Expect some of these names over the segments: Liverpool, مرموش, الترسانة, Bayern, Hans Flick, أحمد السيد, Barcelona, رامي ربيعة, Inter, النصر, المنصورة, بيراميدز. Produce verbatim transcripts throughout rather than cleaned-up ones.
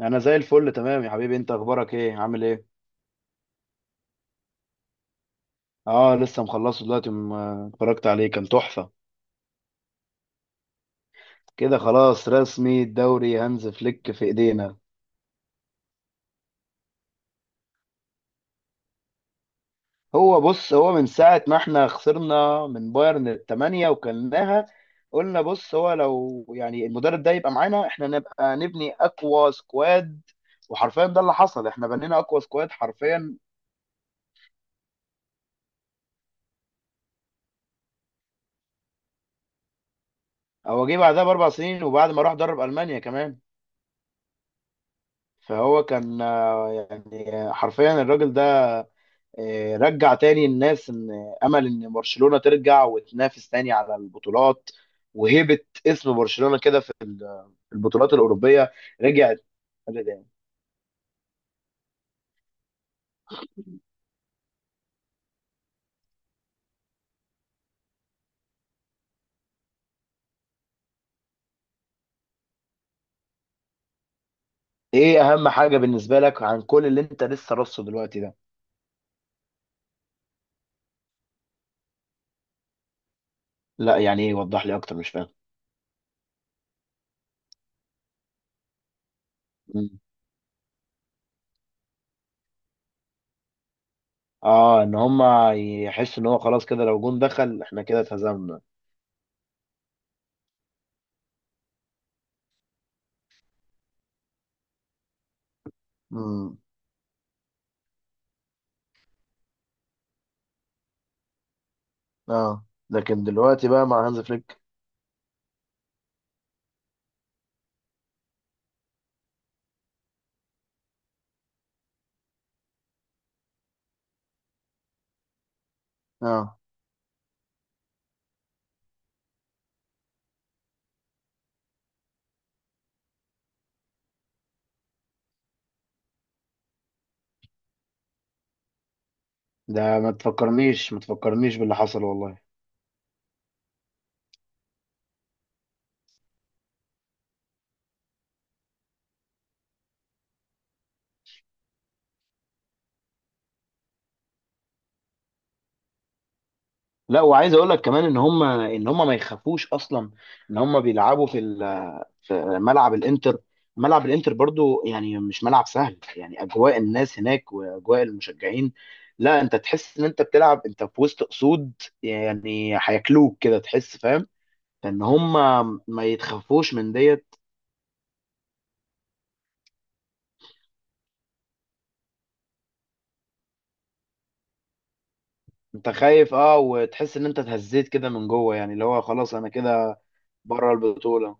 انا زي الفل، تمام يا حبيبي. انت اخبارك ايه؟ عامل ايه؟ اه، لسه مخلصه دلوقتي، م- اتفرجت عليه كان تحفة. كده خلاص رسمي، الدوري هانز فليك في ايدينا. هو بص، هو من ساعة ما احنا خسرنا من بايرن الثمانية وكلناها، قلنا بص، هو لو يعني المدرب ده يبقى معانا، احنا نبقى نبني اقوى سكواد. وحرفيا ده اللي حصل، احنا بنينا اقوى سكواد حرفيا. هو جه بعدها باربع سنين، وبعد ما راح درب المانيا كمان. فهو كان آه، يعني آه، حرفيا الراجل ده آه، رجع تاني الناس ان امل، ان برشلونة ترجع وتنافس تاني على البطولات، وهيبة اسم برشلونة كده في ال- في البطولات الأوروبية رجعت. ايه اهم حاجة بالنسبة لك عن كل اللي انت لسه رصه دلوقتي ده؟ لا يعني ايه؟ وضح لي اكتر، مش فاهم. مم. اه، ان هما يحسوا ان هو خلاص كده، لو جون دخل احنا كده اتهزمنا. امم، اه لكن دلوقتي بقى مع هانز فليك. اه ده ما تفكرنيش، ما تفكرنيش باللي حصل والله. لا، وعايز اقول لك كمان ان هم، ان هم ما يخافوش اصلا. ان هم بيلعبوا في ال- في ملعب الانتر. ملعب الانتر برضو يعني مش ملعب سهل، يعني اجواء الناس هناك واجواء المشجعين، لا انت تحس ان انت بتلعب انت في وسط اسود، يعني هياكلوك كده تحس، فاهم؟ ان هم ما يتخافوش من ديت. انت خايف اه، وتحس ان انت اتهزيت كده من جوه، يعني اللي هو خلاص انا كده بره البطولة.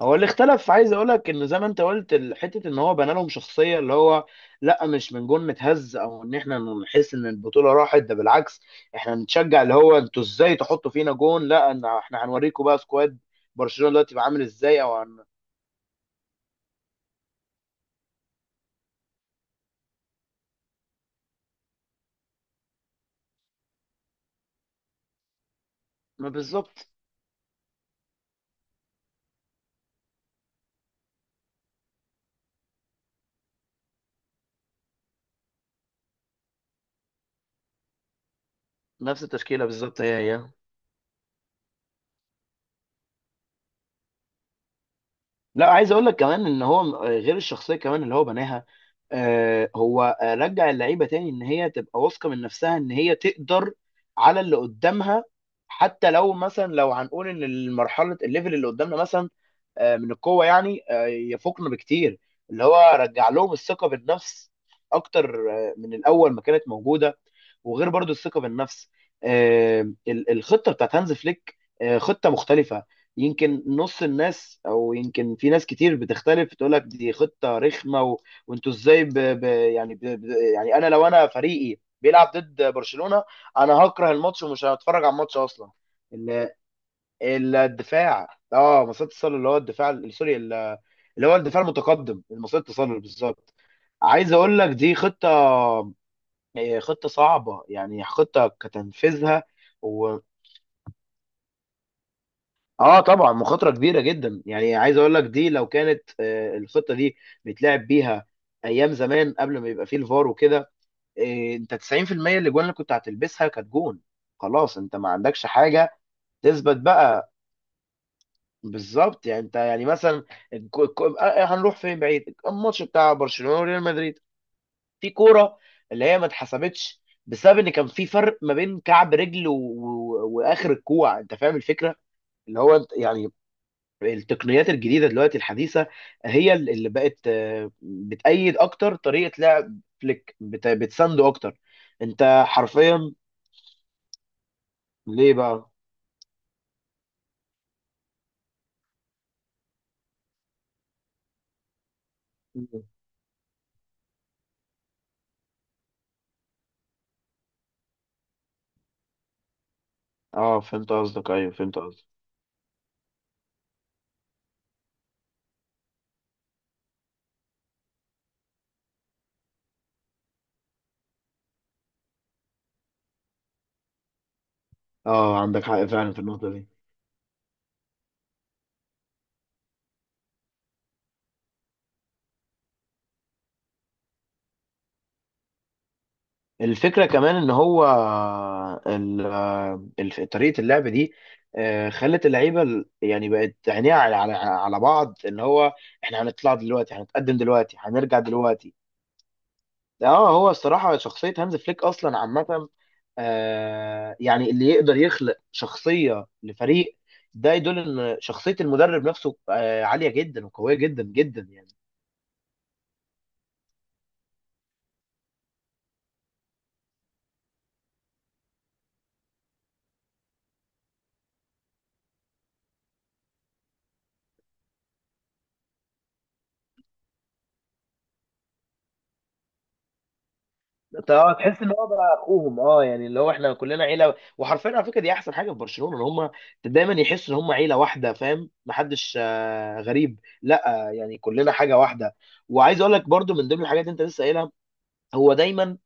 هو اللي اختلف، عايز اقول لك ان زي ما انت قلت ال- حته ان هو بنى لهم شخصيه، اللي هو لا مش من جون متهز، او ان احنا نحس ان البطوله راحت. ده بالعكس، احنا نتشجع، اللي هو انتوا ازاي تحطوا فينا جون، لا إن احنا هنوريكم بقى سكواد برشلونه دلوقتي بقى عامل ازاي، او هن... ما بالظبط. نفس التشكيله بالظبط، هي هي. لا عايز اقول لك كمان ان هو، م- غير الشخصيه كمان اللي هو بناها، آه، هو آه، رجع اللعيبه تاني ان هي تبقى واثقه من نفسها، ان هي تقدر على اللي قدامها. حتى لو مثلا، لو هنقول ان المرحله، الليفل اللي قدامنا مثلا آه، من القوه، يعني آه، يفوقنا بكتير. اللي هو رجع لهم الثقه بالنفس اكتر آه، من الاول ما كانت موجوده. وغير برضو الثقه بالنفس، آه، ال- الخطه بتاعت هانز فليك آه، خطه مختلفه. يمكن نص الناس، او يمكن في ناس كتير بتختلف تقول لك دي خطه رخمه، و... وانتوا ازاي ب... ب... يعني ب... ب... يعني انا، لو انا فريقي بيلعب ضد برشلونه، انا هكره الماتش ومش هتفرج على الماتش اصلا. ال... ال- الدفاع، اه مصيدة التسلل، اللي هو الدفاع ال- سوري ال- اللي هو الدفاع المتقدم، مصيدة التسلل بالظبط. عايز اقول لك دي خطه، خطه صعبه يعني، خطه كتنفيذها اه طبعا مخاطره كبيره جدا. يعني عايز اقول لك دي لو كانت آه، الخطه دي بيتلعب بيها ايام زمان، قبل ما يبقى فيه الفار وكده، آه، انت تسعين في المية اللي جوان اللي كنت هتلبسها كانت جون، خلاص انت ما عندكش حاجه تثبت بقى. بالظبط يعني، انت يعني مثلا، الكو- الكو- آه، آه، هنروح فين بعيد، الماتش بتاع برشلونه وريال مدريد، في كوره اللي هي ما اتحسبتش بسبب ان كان في فرق ما بين كعب رجل و... و... واخر الكوع، انت فاهم الفكره، اللي هو انت يعني التقنيات الجديده دلوقتي الحديثه هي اللي بقت آه، بتأيد اكتر طريقه لعب فليك، بت- بتسانده اكتر. انت حرفيا. ليه بقى؟ مم. اه فهمت قصدك، ايوه فهمت قصدك. اه عندك حق فعلا في النقطه دي. الفكره كمان ان هو، ال- آه، ال- طريقه اللعب دي آه، خلت اللعيبه، ال- يعني بقت عينيها على على على بعض، اللي هو احنا هنطلع دلوقتي، هنتقدم دلوقتي، هنرجع دلوقتي. اه، هو الصراحة شخصية هانز فليك أصلا عامة، آه يعني اللي يقدر يخلق شخصية لفريق، ده يدل إن شخصية المدرب نفسه آه عالية جدا وقوية جدا جدا يعني. انت اه تحس ان هو بقى اخوهم، اه يعني اللي هو احنا كلنا عيله. وحرفيا على فكره دي احسن حاجه في برشلونه، ان هم دايما يحسوا ان هم عيله واحده، فاهم؟ محدش آه غريب، لا آه يعني كلنا حاجه واحده. وعايز اقول لك برضو من ضمن الحاجات اللي انت لسه قايلها، هو دايما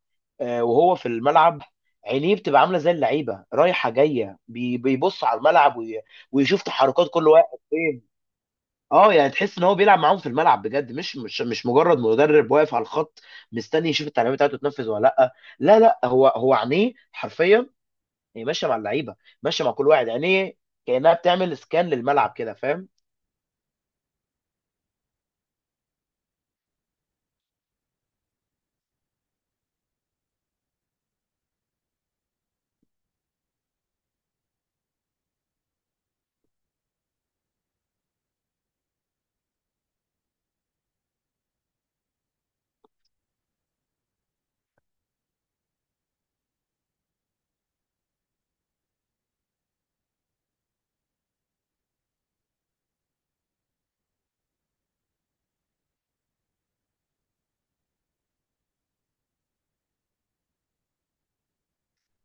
آه، وهو في الملعب، عينيه بتبقى عامله زي اللعيبه رايحه جايه، بي- بيبص على الملعب وي- ويشوف تحركات كل واحد فين. اه يعني تحس ان هو بيلعب معاهم في الملعب بجد، مش مش مش مجرد مدرب واقف على الخط، مستني يشوف التعليمات بتاعته تنفذ ولا لا. لا لا هو، هو عينيه حرفيا هي ماشيه مع اللعيبه، ماشيه مع كل واحد. عينيه كانها بتعمل سكان للملعب كده، فاهم؟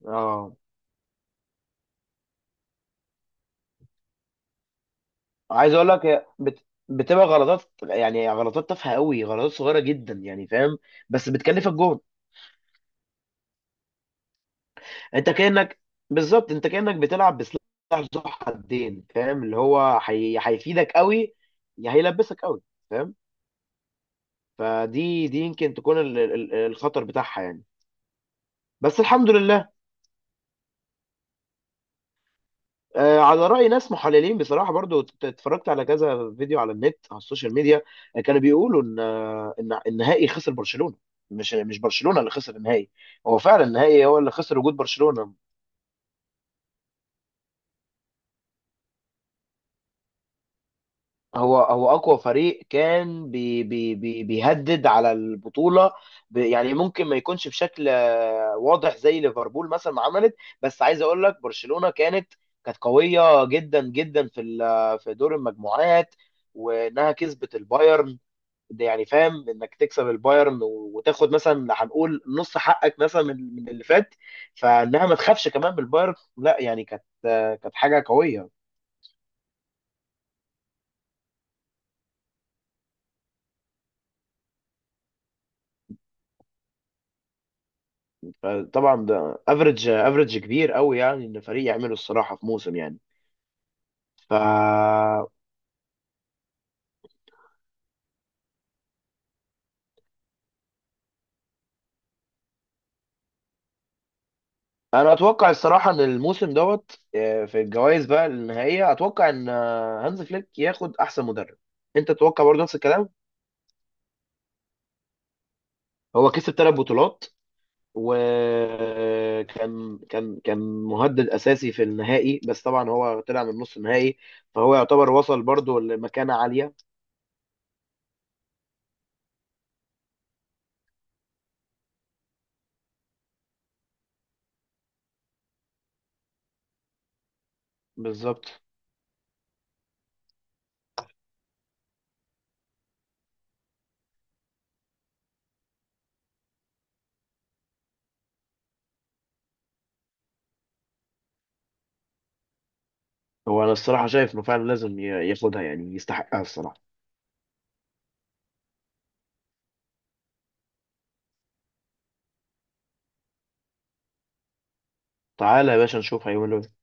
اه عايز اقول لك هي بت... بتبقى غلطات، يعني غلطات تافهه قوي، غلطات صغيره جدا يعني، فاهم؟ بس بتكلفك جهد. انت كانك، بالظبط انت كانك بتلعب بسلاح ذو حدين، فاهم؟ اللي هو هي... هيفيدك قوي، يا هيلبسك قوي، فاهم؟ فدي دي يمكن تكون ال... ال- ال- الخطر بتاعها يعني. بس الحمد لله آه، على رأي ناس محللين بصراحة برضو، ات- اتفرجت على كذا فيديو على النت، على السوشيال ميديا، آه، كانوا بيقولوا ان آه، ان النهائي خسر برشلونة، مش مش برشلونة اللي خسر النهائي. هو فعلا النهائي هو اللي خسر وجود برشلونة. هو هو أقوى فريق كان بي بي بي بيهدد على البطولة، ب- يعني ممكن ما يكونش بشكل آه، واضح زي ليفربول مثلا ما عملت. بس عايز اقول لك برشلونة كانت كانت قوية جدا جدا في ال- في دور المجموعات، وانها كسبت البايرن. ده يعني فاهم انك تكسب البايرن وتاخد مثلا، هنقول نص حقك مثلا من من اللي فات، فانها ما تخافش كمان من البايرن، لا يعني كانت كانت حاجه قويه. فطبعا ده افريج، افريج كبير قوي يعني، ان فريق يعمله الصراحه في موسم يعني. ف انا اتوقع الصراحه ان الموسم دوت، آه، في الجوائز بقى النهائيه، اتوقع ان آه، هانز فليك ياخد احسن مدرب. انت تتوقع برضه نفس الكلام. هو كسب ثلاث بطولات، وكان كان كان مهدد اساسي في النهائي، بس طبعا هو طلع من نص النهائي. فهو يعتبر وصل برضه لمكانة عالية. بالظبط، هو انا الصراحة شايف انه فعلا لازم ي- ياخدها، يعني يستحقها الصراحة. تعالى يا باشا نشوف هيعملوا ايه.